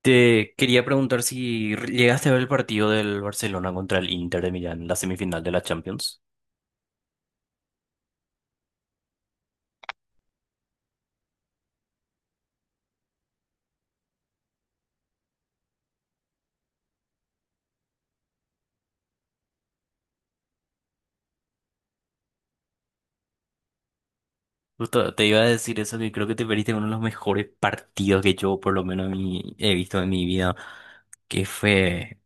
Te quería preguntar si llegaste a ver el partido del Barcelona contra el Inter de Milán, la semifinal de la Champions. Justo te iba a decir eso, que creo que te perdiste uno de los mejores partidos que yo por lo menos he visto en mi vida, que fue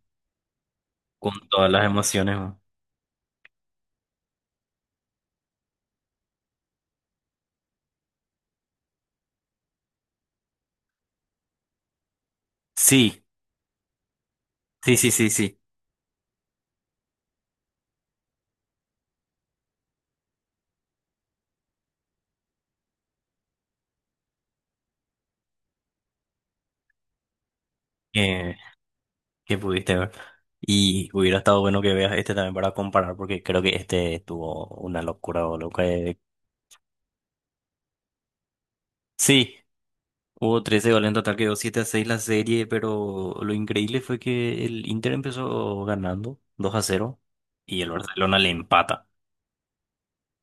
con todas las emociones, ¿no? Sí, sí, sí, sí, sí, que, que pudiste ver. Y hubiera estado bueno que veas este también para comparar, porque creo que este tuvo una locura, o lo que... Sí. Hubo 13 goles en total, quedó 7 a 6 la serie, pero lo increíble fue que el Inter empezó ganando 2 a cero y el Barcelona le empata.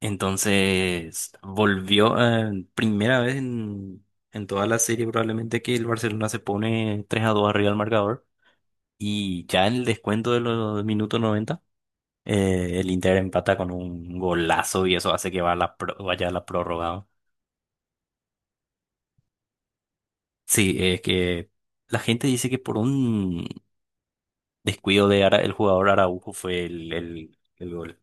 Entonces volvió, primera vez en toda la serie probablemente que el Barcelona se pone 3 a 2 arriba del marcador, y ya en el descuento de los minutos 90 el Inter empata con un golazo y eso hace que va a la pro- vaya a la prórroga, ¿no? Sí, es que la gente dice que por un el jugador Araujo fue el gol.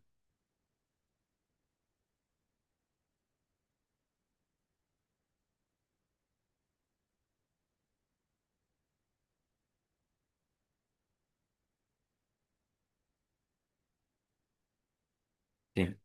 Sí.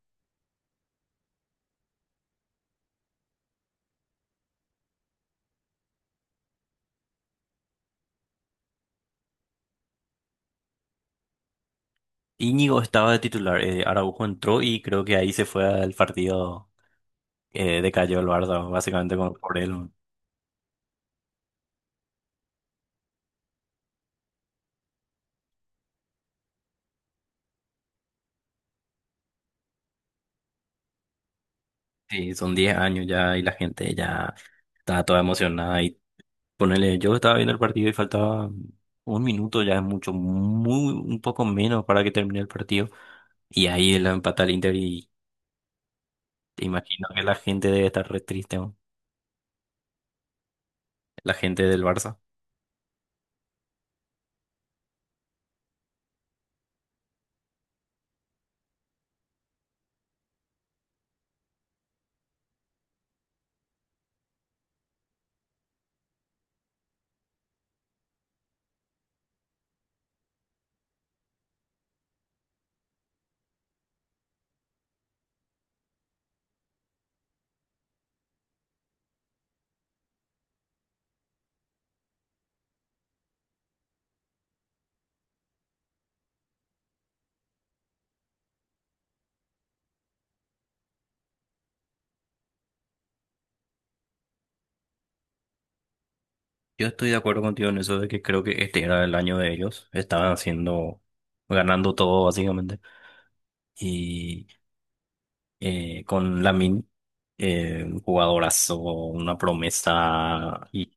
Íñigo estaba de titular, Araujo entró y creo que ahí se fue al partido, decayó el Barça, básicamente por él. Sí, son 10 años ya y la gente ya estaba toda emocionada. Y ponele, yo estaba viendo el partido y faltaba un minuto, ya es mucho, un poco menos para que termine el partido. Y ahí la empata el Inter y te imagino que la gente debe estar re triste, ¿no? La gente del Barça. Yo estoy de acuerdo contigo en eso de que creo que este era el año de ellos. Estaban ganando todo básicamente. Y con Lamine, un jugadorazo, una promesa y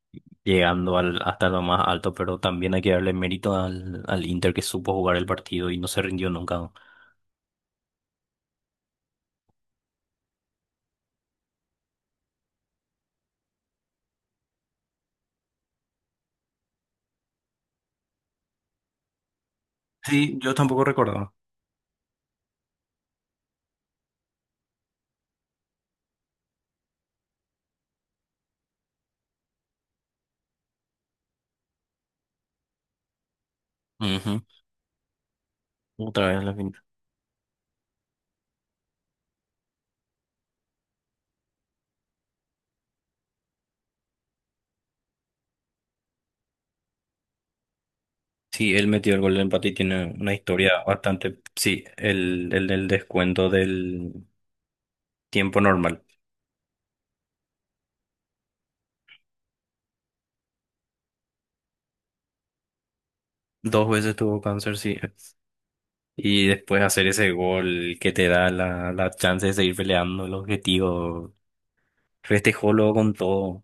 llegando hasta lo más alto, pero también hay que darle mérito al Inter que supo jugar el partido y no se rindió nunca. Sí, yo tampoco recordaba. Ujú, otra vez la final. Sí, él metió el gol de empate y tiene una historia bastante. Sí, el del descuento del tiempo normal. Dos veces tuvo cáncer, sí. Y después hacer ese gol que te da la chance de seguir peleando el objetivo. Festejó luego con todo.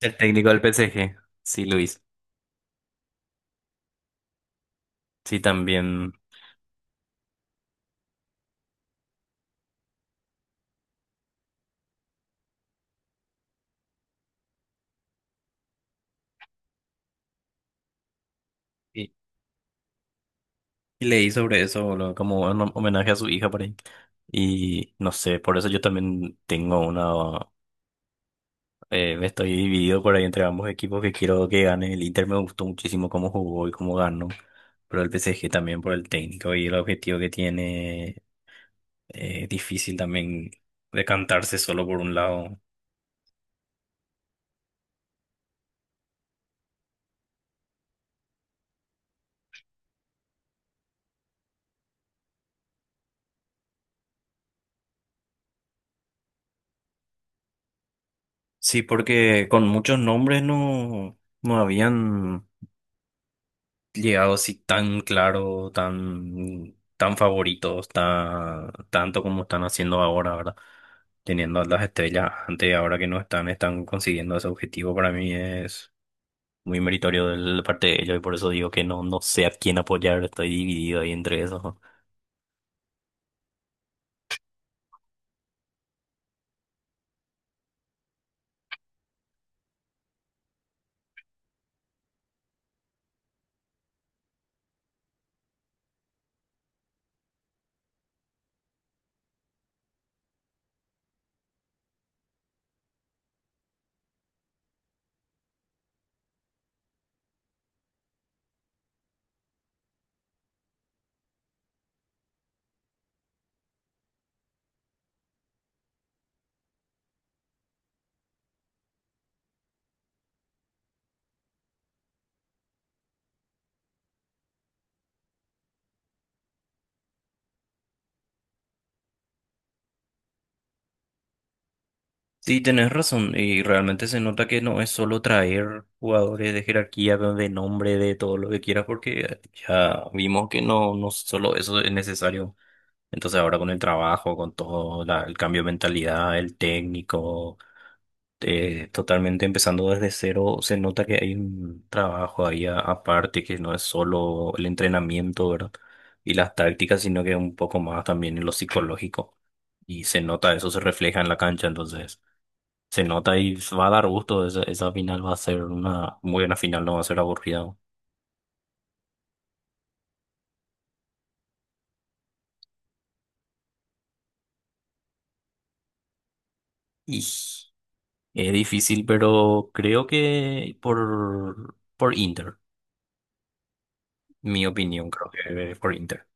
El técnico del PSG, sí, Luis. Sí, también. Y, y leí sobre eso, boludo, como un homenaje a su hija por ahí. Y no sé, por eso yo también tengo una... me estoy dividido por ahí entre ambos equipos que quiero que gane. El Inter me gustó muchísimo cómo jugó y cómo ganó. Pero el PSG también por el técnico y el objetivo que tiene, difícil también decantarse solo por un lado. Sí, porque con muchos nombres no habían llegado así tan claro, tan favoritos, tanto como están haciendo ahora, ¿verdad? Teniendo a las estrellas antes, ahora que no están, están consiguiendo ese objetivo, para mí es muy meritorio de la parte de ellos y por eso digo que no sé a quién apoyar, estoy dividido ahí entre esos, ¿no? Sí, tenés razón, y realmente se nota que no es solo traer jugadores de jerarquía, de nombre, de todo lo que quieras, porque ya vimos que no solo eso es necesario. Entonces ahora con el trabajo, con el cambio de mentalidad, el técnico, totalmente empezando desde cero, se nota que hay un trabajo ahí aparte, que no es solo el entrenamiento, ¿verdad? Y las tácticas, sino que un poco más también en lo psicológico. Y se nota, eso se refleja en la cancha, entonces. Se nota y va a dar gusto. Esa final va a ser una muy buena final, no va a ser aburrida. Y es difícil, pero creo que por Inter, mi opinión, creo que por Inter.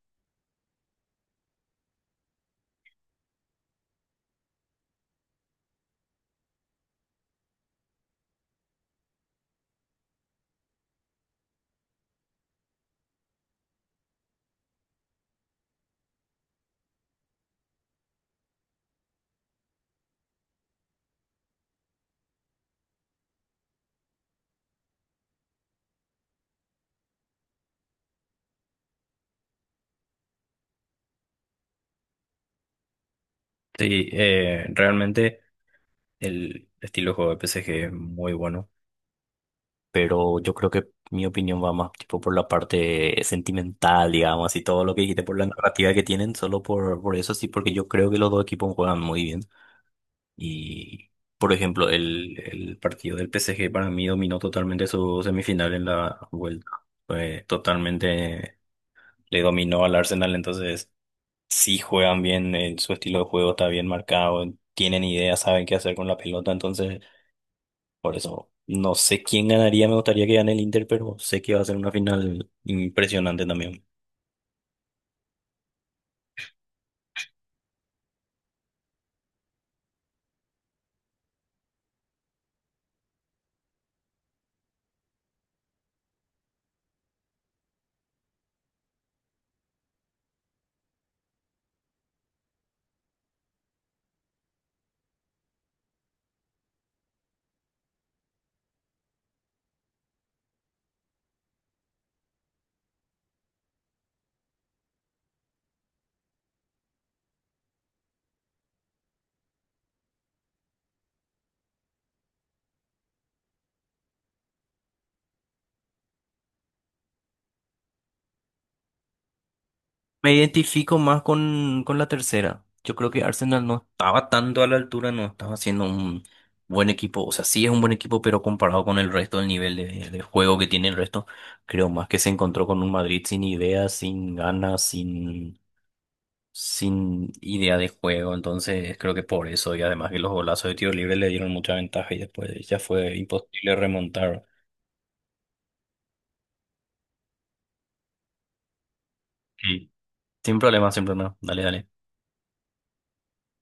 Sí, realmente el estilo de juego de PSG es muy bueno, pero yo creo que mi opinión va más tipo por la parte sentimental, digamos, y todo lo que dijiste por la narrativa que tienen, solo por eso sí, porque yo creo que los dos equipos juegan muy bien. Y, por ejemplo, el partido del PSG para mí dominó totalmente su semifinal en la vuelta. Fue totalmente le dominó al Arsenal, entonces sí juegan bien, su estilo de juego está bien marcado, tienen ideas, saben qué hacer con la pelota, entonces por eso no sé quién ganaría, me gustaría que gane el Inter, pero sé que va a ser una final impresionante también. Me identifico más con la tercera. Yo creo que Arsenal no estaba tanto a la altura, no estaba siendo un buen equipo. O sea, sí es un buen equipo, pero comparado con el resto, el nivel de juego que tiene el resto, creo más que se encontró con un Madrid sin ideas, sin ganas, sin, sin idea de juego. Entonces, creo que por eso, y además que los golazos de tiro libre le dieron mucha ventaja y después ya fue imposible remontar. Sí. Sin problema, sin problema. Dale, dale.